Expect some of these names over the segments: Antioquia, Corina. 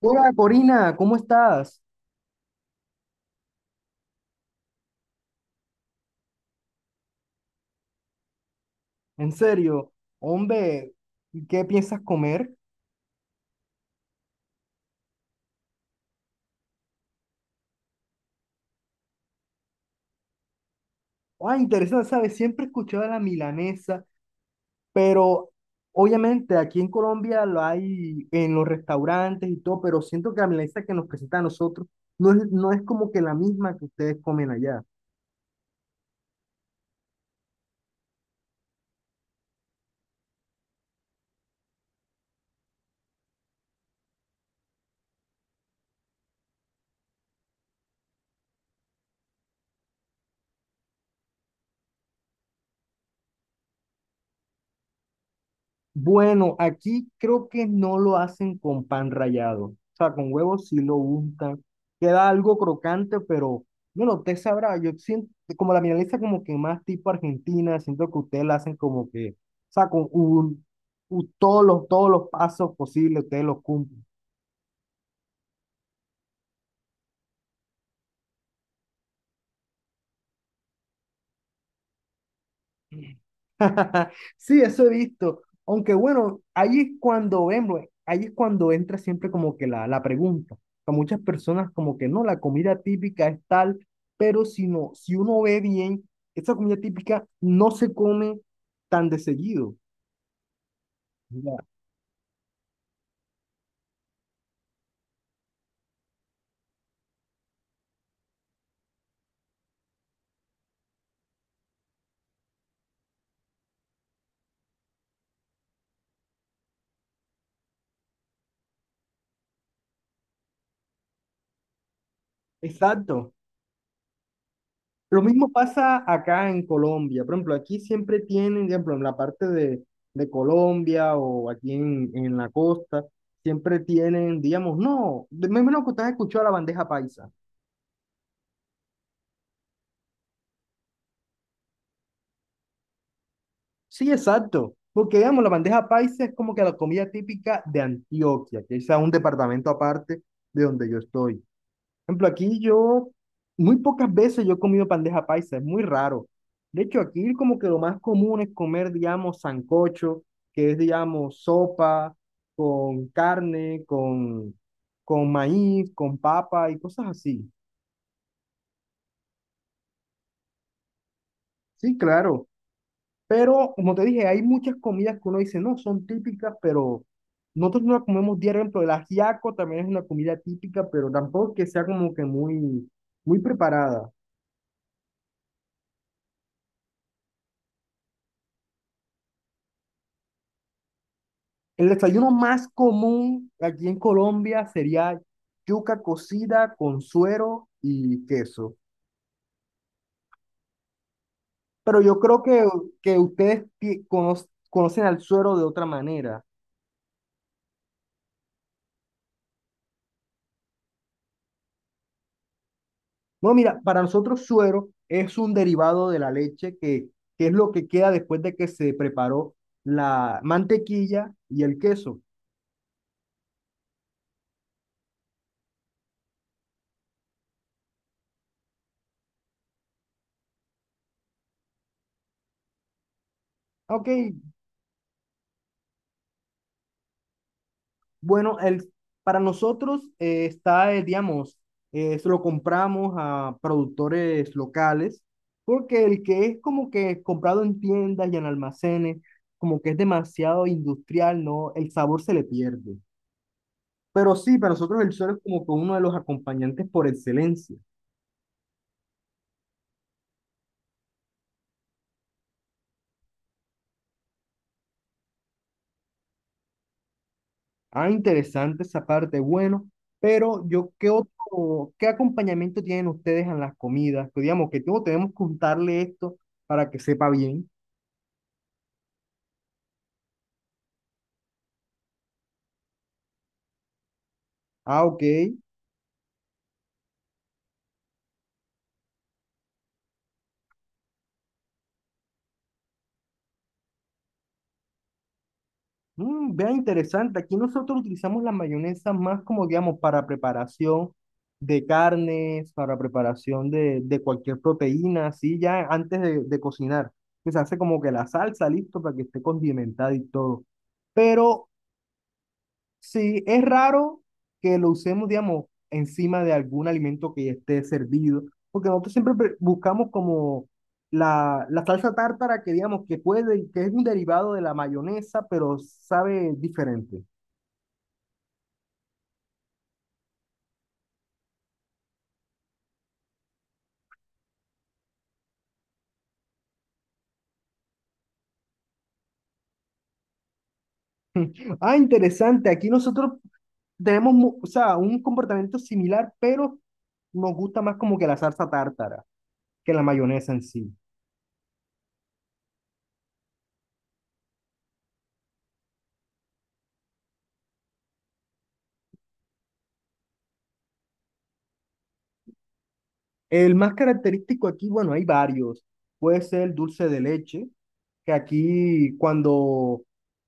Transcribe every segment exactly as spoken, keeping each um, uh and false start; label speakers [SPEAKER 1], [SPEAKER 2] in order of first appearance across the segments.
[SPEAKER 1] Hola Corina, ¿cómo estás? En serio, hombre, ¿qué piensas comer? Ah, interesante, ¿sabes? Siempre he escuchado de la milanesa, pero obviamente aquí en Colombia lo hay en los restaurantes y todo, pero siento que la milanesa que nos presenta a nosotros no es, no es como que la misma que ustedes comen allá. Bueno, aquí creo que no lo hacen con pan rallado. O sea, con huevos sí lo untan. Queda algo crocante, pero bueno, usted sabrá. Yo siento como la milanesa como que más tipo argentina, siento que ustedes la hacen como que, o sea, con un, u- todos los, todos los pasos posibles, ustedes los cumplen. Sí, eso he visto. Aunque bueno, ahí es cuando vemos, ahí es cuando entra siempre como que la, la pregunta. A muchas personas como que no, la comida típica es tal, pero si no, si uno ve bien, esa comida típica no se come tan de seguido. Ya. Exacto. Lo mismo pasa acá en Colombia. Por ejemplo, aquí siempre tienen, por ejemplo, en la parte de, de Colombia o aquí en, en la costa, siempre tienen, digamos, no, de- me imagino que usted escuchó la bandeja paisa. Sí, exacto. Porque, digamos, la bandeja paisa es como que la comida típica de Antioquia, que es a un departamento aparte de donde yo estoy. Ejemplo, aquí yo, muy pocas veces yo he comido bandeja paisa, es muy raro. De hecho, aquí como que lo más común es comer, digamos, sancocho, que es, digamos, sopa con carne, con, con maíz, con papa y cosas así. Sí, claro. Pero, como te dije, hay muchas comidas que uno dice, no, son típicas, pero nosotros no las comemos diario. Por ejemplo, el ajiaco también es una comida típica, pero tampoco que sea como que muy, muy preparada. El desayuno más común aquí en Colombia sería yuca cocida con suero y queso. Pero yo creo que, que ustedes ti- cono- conocen al suero de otra manera. Bueno, mira, para nosotros suero es un derivado de la leche que, que es lo que queda después de que se preparó la mantequilla y el queso. Ok, bueno, el, para nosotros eh, está, eh, digamos, eh, se lo compramos a productores locales, porque el que es como que comprado en tiendas y en almacenes, como que es demasiado industrial, ¿no? El sabor se le pierde. Pero sí, para nosotros el sol es como que uno de los acompañantes por excelencia. Ah, interesante esa parte, bueno, pero yo, ¿qué otro, qué acompañamiento tienen ustedes en las comidas? Que digamos, que tengo, tenemos que contarle esto para que sepa bien. Ah, ok. Mm, vea interesante, aquí nosotros utilizamos la mayonesa más como, digamos, para preparación de carnes, para preparación de, de cualquier proteína, así ya antes de, de cocinar, que se hace como que la salsa listo para que esté condimentada y todo. Pero sí, es raro que lo usemos, digamos, encima de algún alimento que ya esté servido, porque nosotros siempre pre- buscamos como la, la salsa tártara que, digamos, que puede, que es un derivado de la mayonesa, pero sabe diferente. Ah, interesante. Aquí nosotros tenemos, mu- o sea, un comportamiento similar, pero nos gusta más como que la salsa tártara que la mayonesa en sí. El más característico aquí, bueno, hay varios. Puede ser el dulce de leche, que aquí cuando,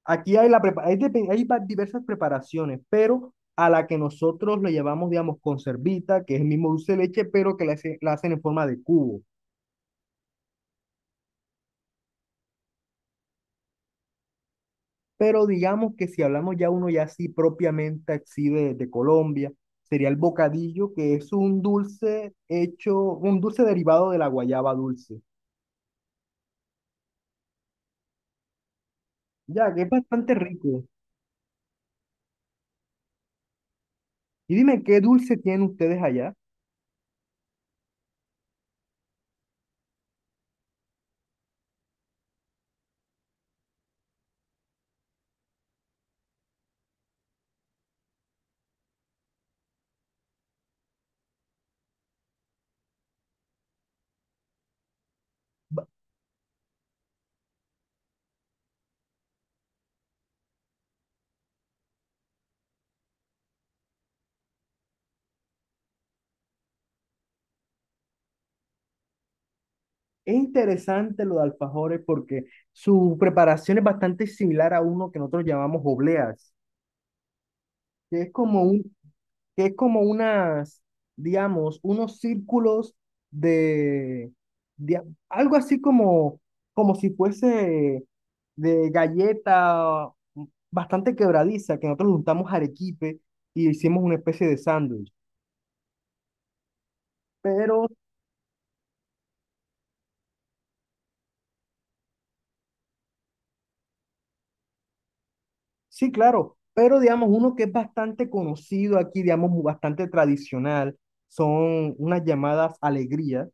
[SPEAKER 1] aquí hay, la, prepa- hay, depe- hay va- diversas preparaciones, pero a la que nosotros le llamamos, digamos, conservita, que es el mismo dulce de leche, pero que la, hace- la hacen en forma de cubo. Pero digamos que si hablamos ya uno ya así propiamente así de, de Colombia, sería el bocadillo, que es un dulce hecho, un dulce derivado de la guayaba dulce. Ya, que es bastante rico. Y dime, ¿qué dulce tienen ustedes allá? Es interesante lo de alfajores porque su preparación es bastante similar a uno que nosotros llamamos obleas, que es como un, que es como unas, digamos, unos círculos de, de- algo así como, como si fuese de galleta bastante quebradiza, que nosotros le juntamos arequipe y hicimos una especie de sándwich. Pero sí, claro, pero digamos, uno que es bastante conocido aquí, digamos, mu- bastante tradicional, son unas llamadas alegrías.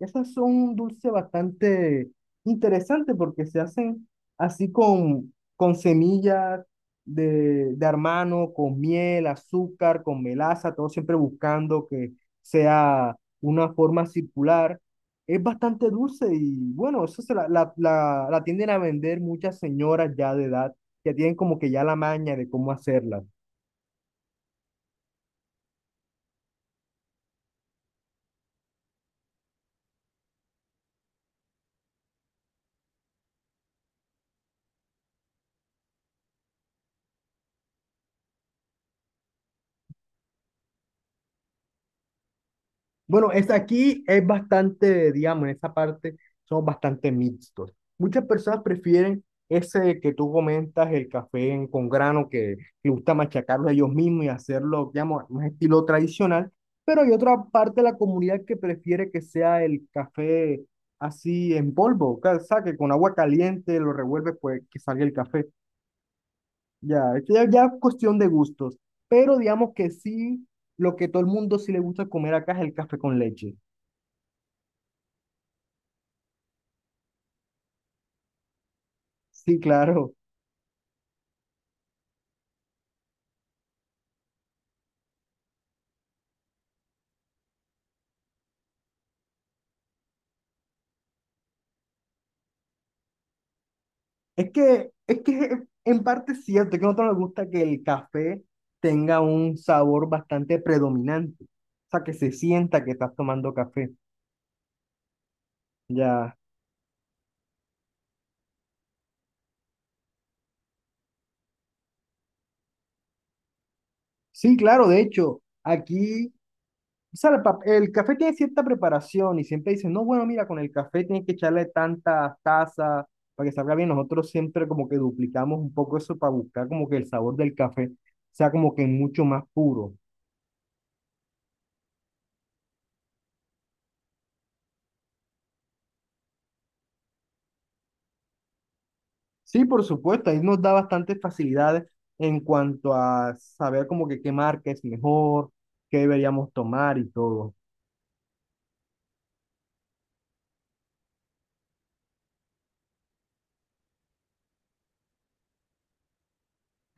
[SPEAKER 1] Esas son un dulce bastante interesante porque se hacen así con, con semillas de, de armano, con miel, azúcar, con melaza, todo siempre buscando que sea una forma circular. Es bastante dulce y bueno, eso se la, la, la la tienden a vender muchas señoras ya de edad que tienen como que ya la maña de cómo hacerlas. Bueno, es aquí es bastante, digamos, en esa parte son bastante mixtos. Muchas personas prefieren ese que tú comentas, el café en- con grano, que les gusta machacarlo ellos mismos y hacerlo, digamos, un estilo tradicional, pero hay otra parte de la comunidad que prefiere que sea el café así en polvo, ca- o sea, que con agua caliente lo revuelves, pues que salga el café. Ya, esto ya, ya es cuestión de gustos, pero digamos que sí, lo que todo el mundo sí le gusta comer acá es el café con leche. Sí, claro. Es que, es que en parte es cierto, es que a nosotros nos gusta que el café tenga un sabor bastante predominante, o sea, que se sienta que estás tomando café. Ya. Sí, claro, de hecho, aquí o sea, el, pap- el café tiene cierta preparación y siempre dicen, no, bueno, mira, con el café tienes que echarle tantas tazas para que salga bien. Nosotros siempre como que duplicamos un poco eso para buscar como que el sabor del café sea como que mucho más puro. Sí, por supuesto, ahí nos da bastantes facilidades en cuanto a saber como que qué marca es mejor, qué deberíamos tomar y todo.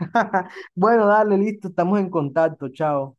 [SPEAKER 1] Bueno, dale, listo, estamos en contacto, chao.